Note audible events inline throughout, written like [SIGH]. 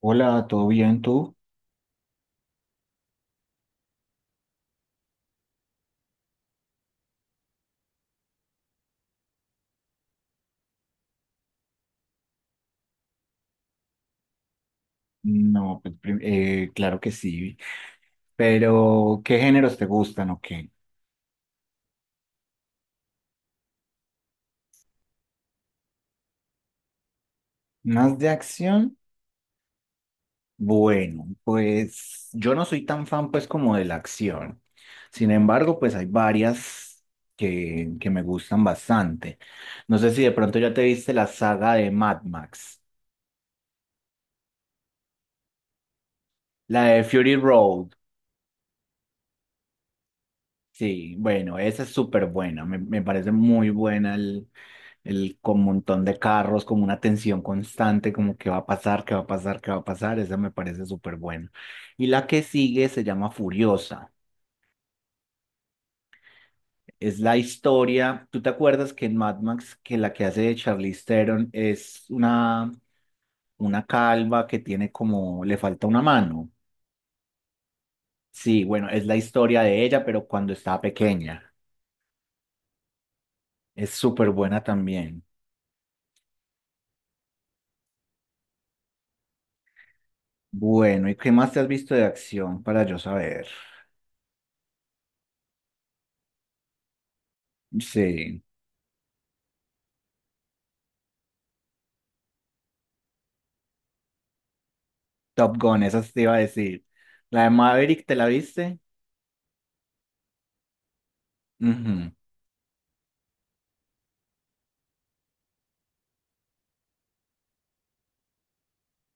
Hola, ¿todo bien tú? No, pues, claro que sí, pero ¿qué géneros te gustan o qué? ¿Más de acción? Bueno, pues yo no soy tan fan pues como de la acción. Sin embargo, pues hay varias que me gustan bastante. No sé si de pronto ya te viste la saga de Mad Max, la de Fury Road. Sí, bueno, esa es súper buena. Me parece muy buena el con un montón de carros, como una tensión constante, como qué va a pasar, qué va a pasar, qué va a pasar. Esa me parece súper buena. Y la que sigue se llama Furiosa. Es la historia. ¿Tú te acuerdas que en Mad Max, que la que hace de Charlize Theron es una calva que tiene como, le falta una mano? Sí, bueno, es la historia de ella, pero cuando estaba pequeña. Es súper buena también. Bueno, ¿y qué más te has visto de acción para yo saber? Sí, Top Gun, esa te iba a decir. La de Maverick, ¿te la viste? Ujú,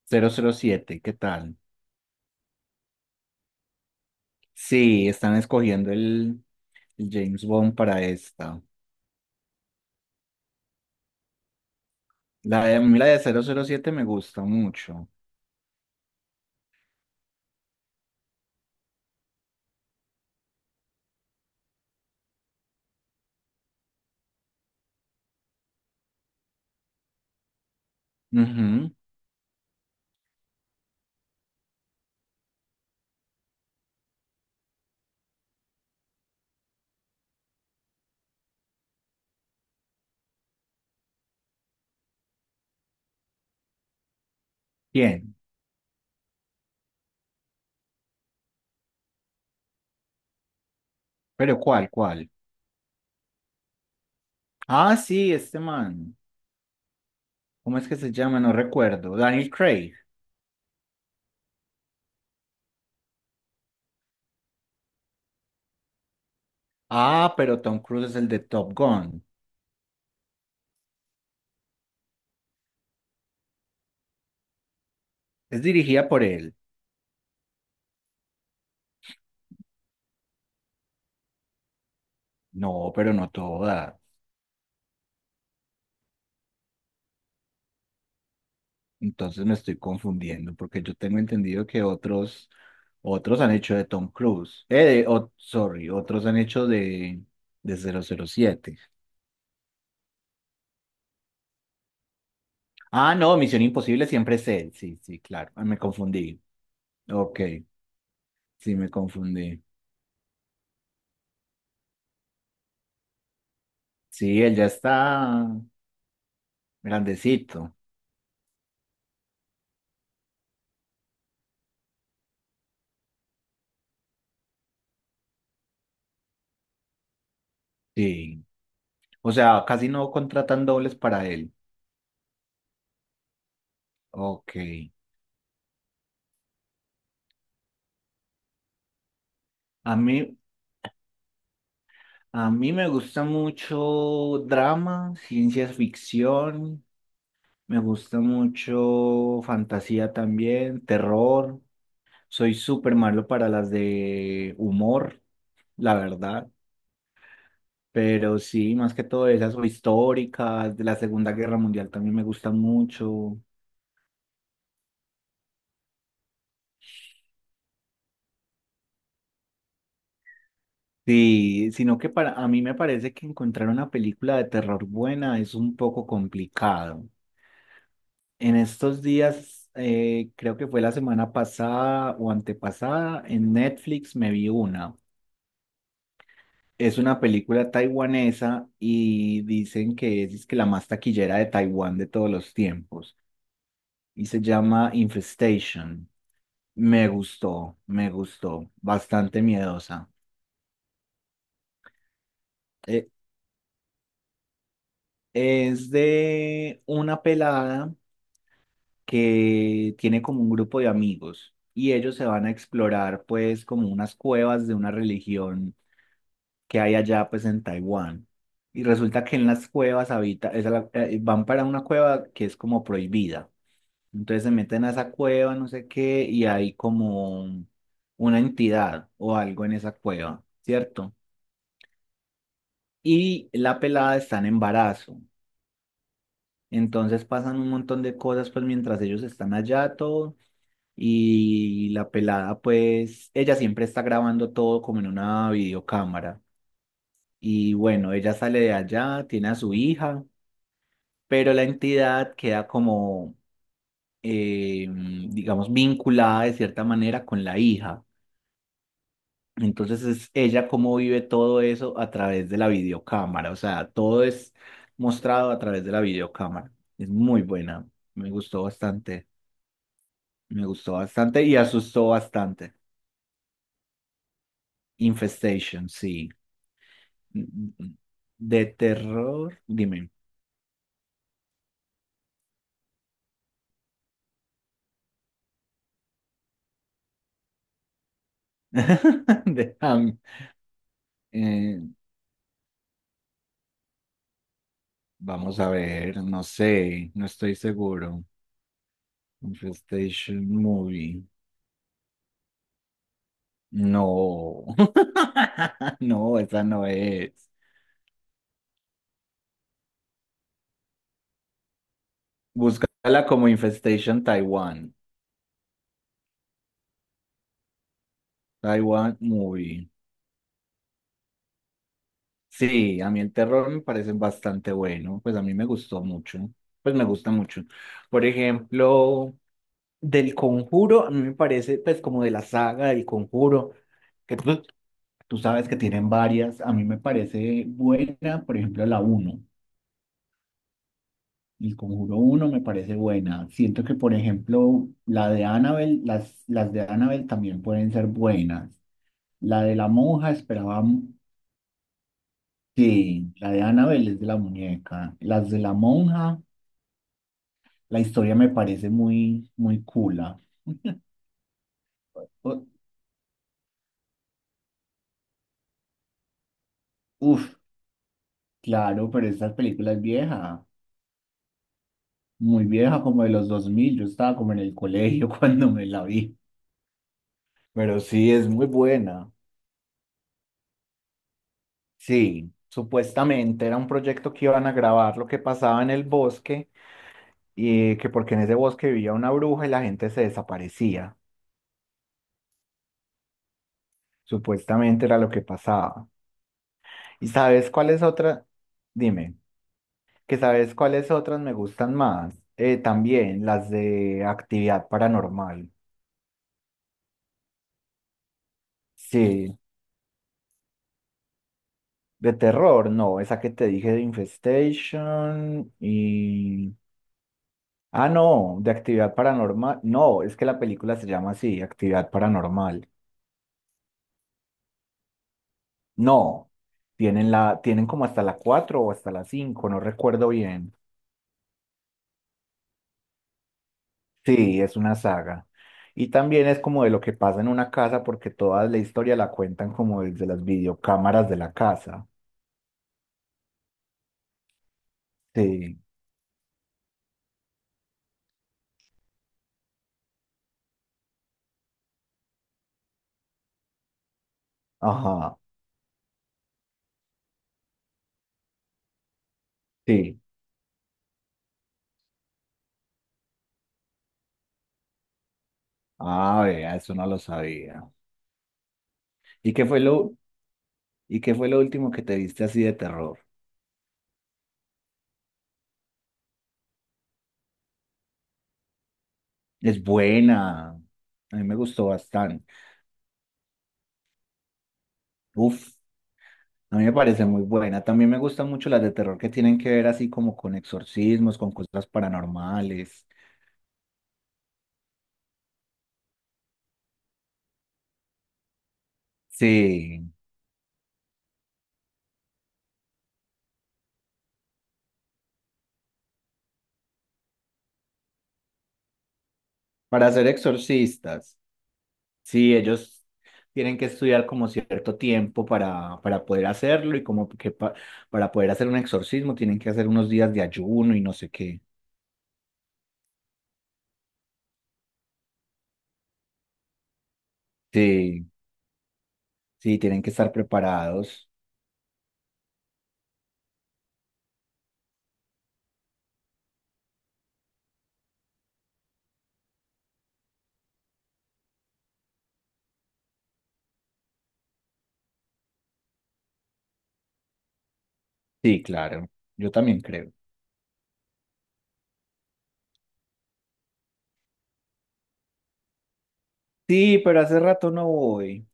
007. ¿Qué tal? Sí, están escogiendo el James Bond para esta. La de, a mí la de 007 me gusta mucho. Ujú. Bien, pero ¿cuál, cuál? Ah, sí, este man. ¿Cómo es que se llama? No recuerdo. Daniel Craig. Ah, pero Tom Cruise es el de Top Gun. Es dirigida por él. No, pero no todas. Entonces me estoy confundiendo porque yo tengo entendido que otros, otros han hecho de Tom Cruise. Sorry, otros han hecho de 007. Ah, no, Misión Imposible siempre es él. Sí, sí, claro. Ah, me confundí. Ok, sí, me confundí. Sí, él ya está grandecito. Sí. O sea, casi no contratan dobles para él. Ok. A mí, a mí me gusta mucho drama, ciencia ficción, me gusta mucho fantasía también, terror. Soy súper malo para las de humor, la verdad. Pero sí, más que todo esas o históricas, de la Segunda Guerra Mundial también me gusta mucho. Sí, sino que para a mí me parece que encontrar una película de terror buena es un poco complicado. En estos días, creo que fue la semana pasada o antepasada, en Netflix me vi una. Es una película taiwanesa y dicen que es que la más taquillera de Taiwán de todos los tiempos. Y se llama Infestation. Me gustó, me gustó. Bastante miedosa. Eh, es de una pelada que tiene como un grupo de amigos y ellos se van a explorar pues como unas cuevas de una religión que hay allá pues en Taiwán. Y resulta que en las cuevas habita, van para una cueva que es como prohibida. Entonces se meten a esa cueva, no sé qué, y hay como una entidad o algo en esa cueva, ¿cierto? Y la pelada está en embarazo. Entonces pasan un montón de cosas pues mientras ellos están allá todo. Y la pelada pues, ella siempre está grabando todo como en una videocámara. Y bueno, ella sale de allá, tiene a su hija pero la entidad queda como, digamos, vinculada de cierta manera con la hija. Entonces es ella cómo vive todo eso a través de la videocámara, o sea, todo es mostrado a través de la videocámara. Es muy buena, me gustó bastante, me gustó bastante y asustó bastante. Infestation, sí. Mm, mm, mm. De terror, dime. [LAUGHS] De, am- eh, vamos a ver, no sé, no estoy seguro. Infestation Movie. No. [LAUGHS] No, esa no es. Búscala como Infestation Taiwan. Taiwan Movie. Sí, a mí el terror me parece bastante bueno. Pues a mí me gustó mucho. Pues me gusta mucho. Por ejemplo, del Conjuro, a mí me parece, pues como de la saga del Conjuro, que tú sabes que tienen varias. A mí me parece buena, por ejemplo, la uno. El Conjuro uno me parece buena. Siento que, por ejemplo, la de Annabelle, las de Annabelle también pueden ser buenas. La de la monja esperaba, sí, la de Annabelle es de la muñeca. Las de la monja, la historia me parece muy, muy cool. U- Uf, claro, pero esta película es vieja, muy vieja, como de los 2000. Yo estaba como en el colegio [LAUGHS] cuando me la vi. Pero sí, es muy buena. Sí, supuestamente era un proyecto que iban a grabar lo que pasaba en el bosque y que porque en ese bosque vivía una bruja y la gente se desaparecía. Supuestamente era lo que pasaba. ¿Y sabes cuáles otras? Dime, que sabes cuáles otras me gustan más. También las de actividad paranormal. Sí, de terror, no, esa que te dije de Infestation y... Ah, no, de actividad paranormal. No, es que la película se llama así, actividad paranormal. No, tienen la, tienen como hasta la 4 o hasta la 5, no recuerdo bien. Sí, es una saga. Y también es como de lo que pasa en una casa, porque toda la historia la cuentan como desde las videocámaras de la casa. Sí, ajá, sí. Ah, vea, eso no lo sabía. ¿Y qué fue lo, y qué fue lo último que te viste así de terror? Es buena. A mí me gustó bastante. Uf. A mí me parece muy buena. También me gustan mucho las de terror que tienen que ver así como con exorcismos, con cosas paranormales. Sí, para ser exorcistas, sí, ellos tienen que estudiar como cierto tiempo para poder hacerlo y como que para poder hacer un exorcismo tienen que hacer unos días de ayuno y no sé qué. Sí, sí, tienen que estar preparados. Sí, claro, yo también creo. Sí, pero hace rato no voy.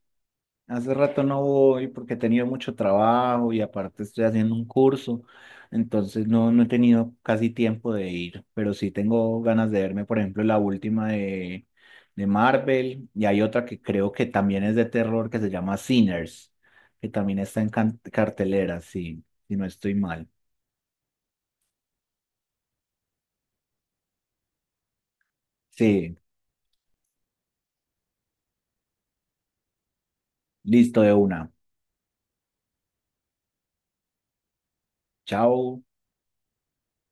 Hace rato no voy porque he tenido mucho trabajo y aparte estoy haciendo un curso, entonces no, no he tenido casi tiempo de ir, pero sí tengo ganas de verme, por ejemplo, la última de, Marvel y hay otra que creo que también es de terror que se llama Sinners, que también está en cartelera, sí, si no estoy mal. Sí, listo de una. Chao.